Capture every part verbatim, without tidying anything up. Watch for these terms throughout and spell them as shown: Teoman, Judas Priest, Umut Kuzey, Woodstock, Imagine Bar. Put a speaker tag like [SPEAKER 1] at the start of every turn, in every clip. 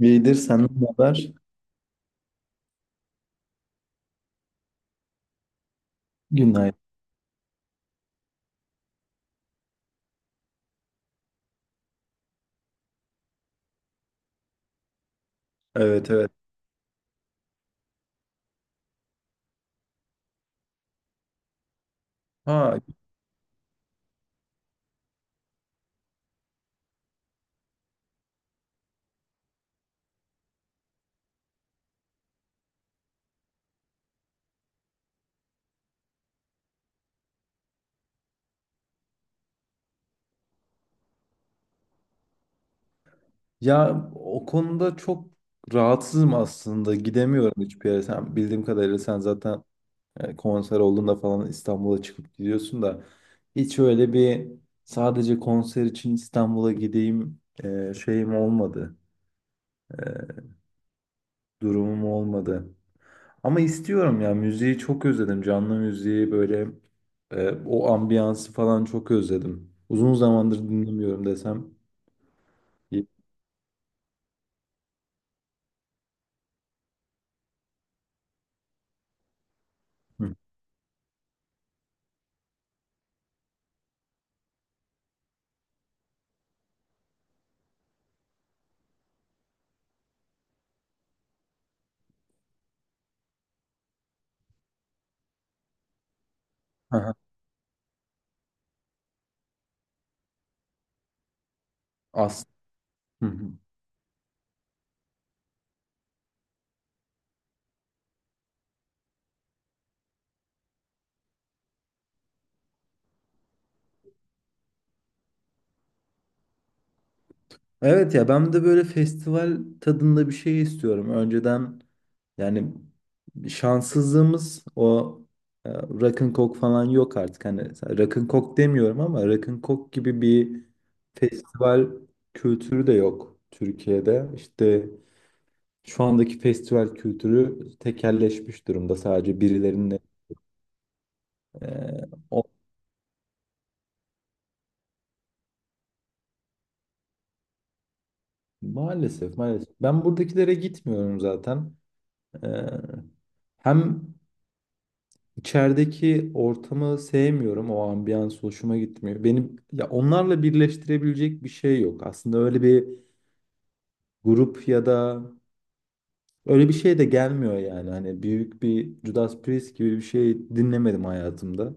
[SPEAKER 1] İyidir, senden ne haber? Günaydın. Evet evet. Ha ya o konuda çok rahatsızım aslında. Gidemiyorum hiçbir yere. Sen bildiğim kadarıyla sen zaten e, konser olduğunda falan İstanbul'a çıkıp gidiyorsun da hiç öyle bir sadece konser için İstanbul'a gideyim e, şeyim olmadı. E, Durumum olmadı. Ama istiyorum ya müziği çok özledim. Canlı müziği böyle e, o ambiyansı falan çok özledim. Uzun zamandır dinlemiyorum desem. Hı. Aha, as. Hı hı. Evet ya ben de böyle festival tadında bir şey istiyorum. Önceden yani şanssızlığımız o e, rock'n'cock falan yok artık. Hani rock'n'cock demiyorum ama rock'n'cock gibi bir festival kültürü de yok Türkiye'de. İşte şu andaki festival kültürü tekelleşmiş durumda. Sadece birilerinin e, o- maalesef maalesef. Ben buradakilere gitmiyorum zaten. E, Hem İçerideki ortamı sevmiyorum. O ambiyans hoşuma gitmiyor. Benim ya onlarla birleştirebilecek bir şey yok. Aslında öyle bir grup ya da öyle bir şey de gelmiyor yani. Hani büyük bir Judas Priest gibi bir şey dinlemedim hayatımda.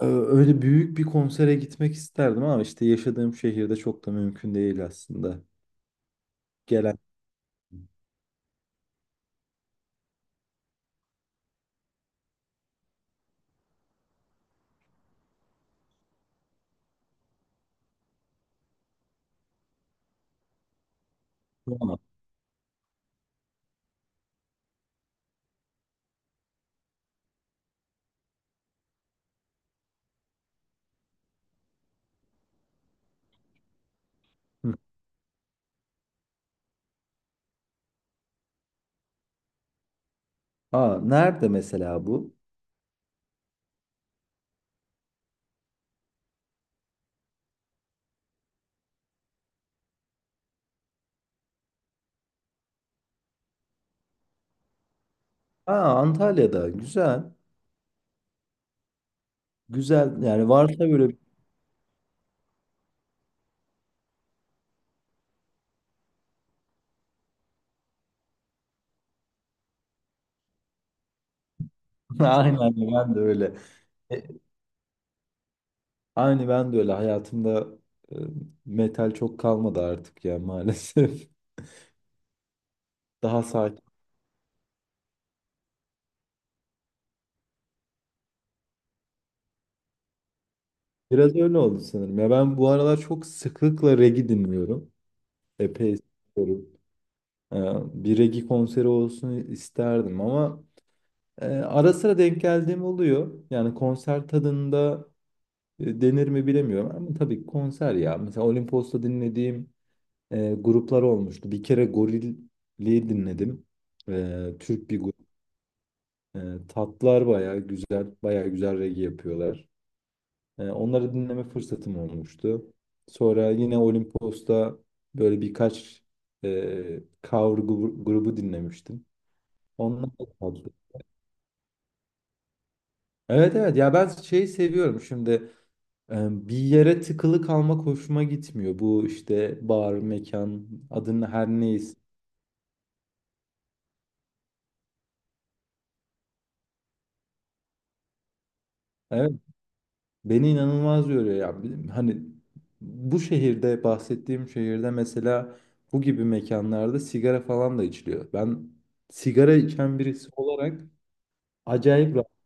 [SPEAKER 1] Ee, Öyle büyük bir konsere gitmek isterdim ama işte yaşadığım şehirde çok da mümkün değil aslında. Gelen ama. Hı. Aa, nerede mesela bu? Aa, Antalya'da. Güzel. Güzel. Yani varsa böyle. Aynen ben de öyle. E, Aynı ben de öyle hayatımda e, metal çok kalmadı artık ya maalesef. Daha sakin. Biraz öyle oldu sanırım. Ya ben bu aralar çok sıklıkla reggae dinliyorum. Epey dinliyorum. E, Bir reggae konseri olsun isterdim ama e, ara sıra denk geldiğim oluyor. Yani konser tadında e, denir mi bilemiyorum ama tabii konser ya. Mesela Olimpos'ta dinlediğim e, gruplar olmuştu. Bir kere Gorilli'yi dinledim. E, Türk bir grup. E, Tatlar bayağı güzel, bayağı güzel reggae yapıyorlar. E, onları dinleme fırsatım olmuştu. Sonra yine Olimpos'ta böyle birkaç e, cover gru- grubu dinlemiştim. Onlar da tatlı. Evet evet ya ben şeyi seviyorum şimdi e, bir yere tıkılı kalmak hoşuma gitmiyor. Bu işte bar, mekan adını her neyse. Evet, beni inanılmaz yoruyor ya. Bir- Hani bu şehirde bahsettiğim şehirde mesela bu gibi mekanlarda sigara falan da içiliyor. Ben sigara içen birisi olarak acayip rahat.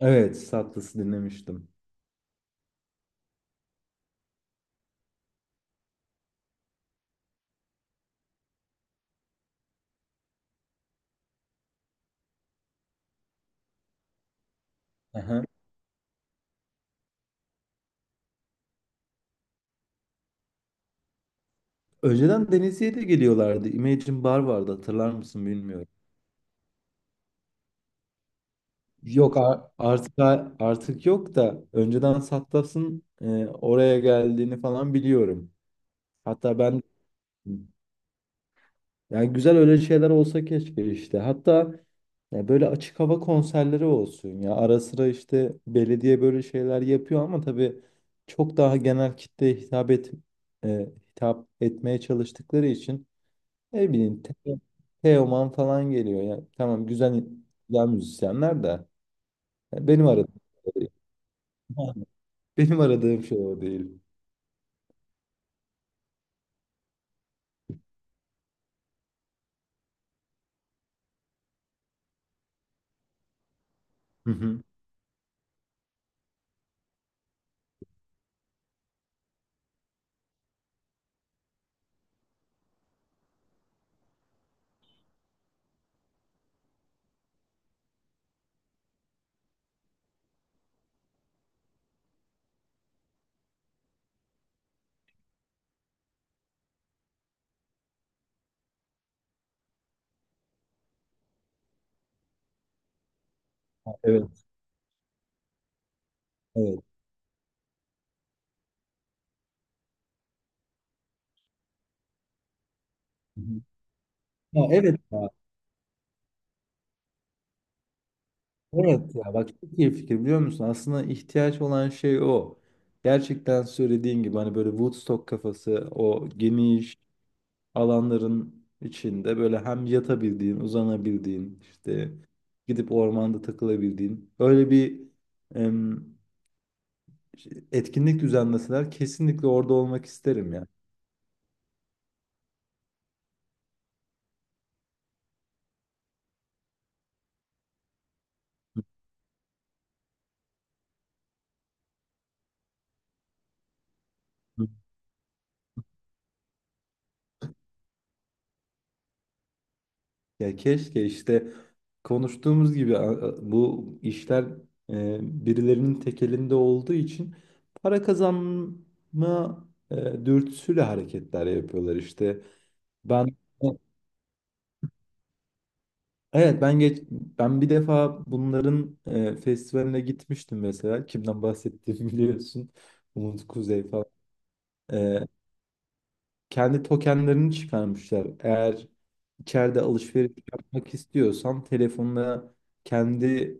[SPEAKER 1] Evet, Sattas'ı dinlemiştim. Aha. Önceden Denizli'ye de geliyorlardı. Imagine Bar vardı hatırlar mısın bilmiyorum. Yok a- artık artık yok da önceden Sattas'ın e, oraya geldiğini falan biliyorum. Hatta ben yani güzel öyle şeyler olsa keşke işte. Hatta ya böyle açık hava konserleri olsun ya. Ara sıra işte belediye böyle şeyler yapıyor ama tabii çok daha genel kitleye hitap et e, hitap etmeye çalıştıkları için ne bileyim Te- Teoman falan geliyor ya. Tamam güzel güzel müzisyenler de ya benim aradığım şey o değil. Benim aradığım şey o değil. Hı hı. Evet, evet. Hı hı. Ya evet. Evet ya bak çok iyi fikir biliyor musun? Aslında ihtiyaç olan şey o. Gerçekten söylediğin gibi hani böyle Woodstock kafası o geniş alanların içinde böyle hem yatabildiğin, uzanabildiğin, işte gidip ormanda takılabildiğin öyle bir em, şey, etkinlik düzenleseler kesinlikle orada olmak isterim ya. Ya keşke işte konuştuğumuz gibi a- a- bu işler e, birilerinin tek elinde olduğu için para kazanma e, dürtüsüyle hareketler yapıyorlar işte. Ben evet ben geç ben bir defa bunların e, festivaline gitmiştim mesela. Kimden bahsettiğimi biliyorsun. Umut Kuzey falan. E, Kendi tokenlerini çıkarmışlar. Eğer içeride alışveriş yapmak istiyorsan telefonuna kendi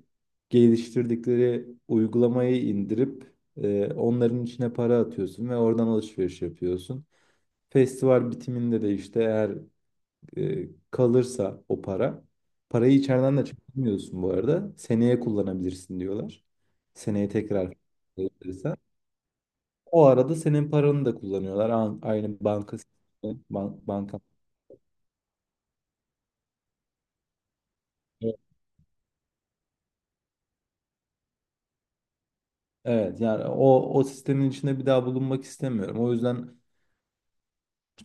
[SPEAKER 1] geliştirdikleri uygulamayı indirip e, onların içine para atıyorsun ve oradan alışveriş yapıyorsun. Festival bitiminde de işte eğer e, kalırsa o para, parayı içeriden de çıkarmıyorsun bu arada. Seneye kullanabilirsin diyorlar. Seneye tekrar kullanabilirsen. O arada senin paranı da kullanıyorlar. An- Aynı banka ban- banka. Evet yani o o sistemin içinde bir daha bulunmak istemiyorum. O yüzden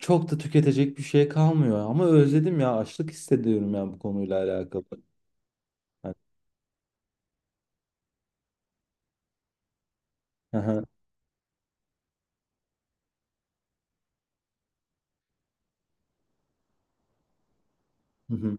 [SPEAKER 1] çok da tüketecek bir şey kalmıyor ama özledim ya açlık hissediyorum ya bu konuyla alakalı. Yani, aha, hı hı.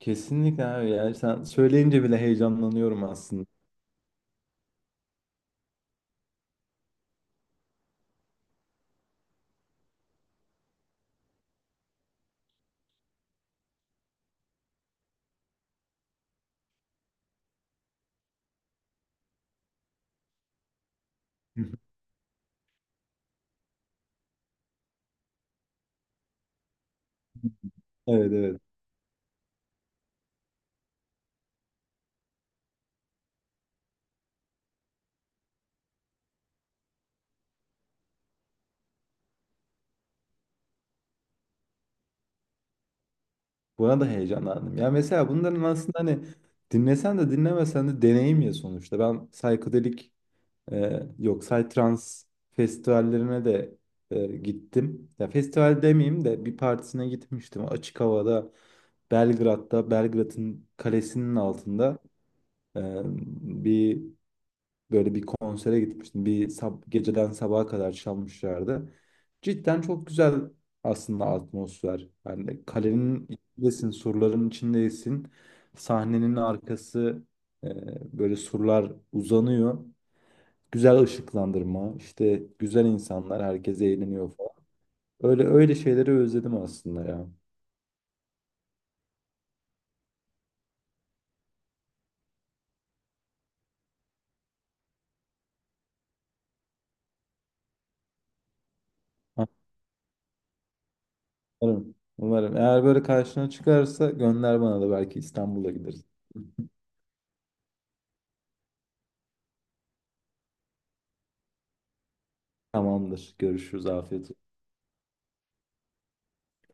[SPEAKER 1] Kesinlikle abi ya sen söyleyince bile heyecanlanıyorum aslında. Hı hı. Evet evet. Buna da heyecanlandım. Ya mesela bunların aslında hani dinlesen de dinlemesen de deneyim ya sonuçta. Ben psikodelik Ee, yok Psytrance festivallerine de e, gittim. Ya festival demeyeyim de bir partisine gitmiştim. Açık havada Belgrad'da Belgrad'ın kalesinin altında e, bir böyle bir konsere gitmiştim. Bir sab geceden sabaha kadar çalmışlardı. Cidden çok güzel aslında atmosfer. Yani kalenin içindesin, surların içindesin. Sahnenin arkası e, böyle surlar uzanıyor. Güzel ışıklandırma, işte güzel insanlar, herkes eğleniyor falan. Öyle öyle şeyleri özledim aslında ya. Ha, umarım. Umarım. Eğer böyle karşına çıkarsa gönder bana da belki İstanbul'a gideriz. Tamamdır. Görüşürüz. Afiyet olsun.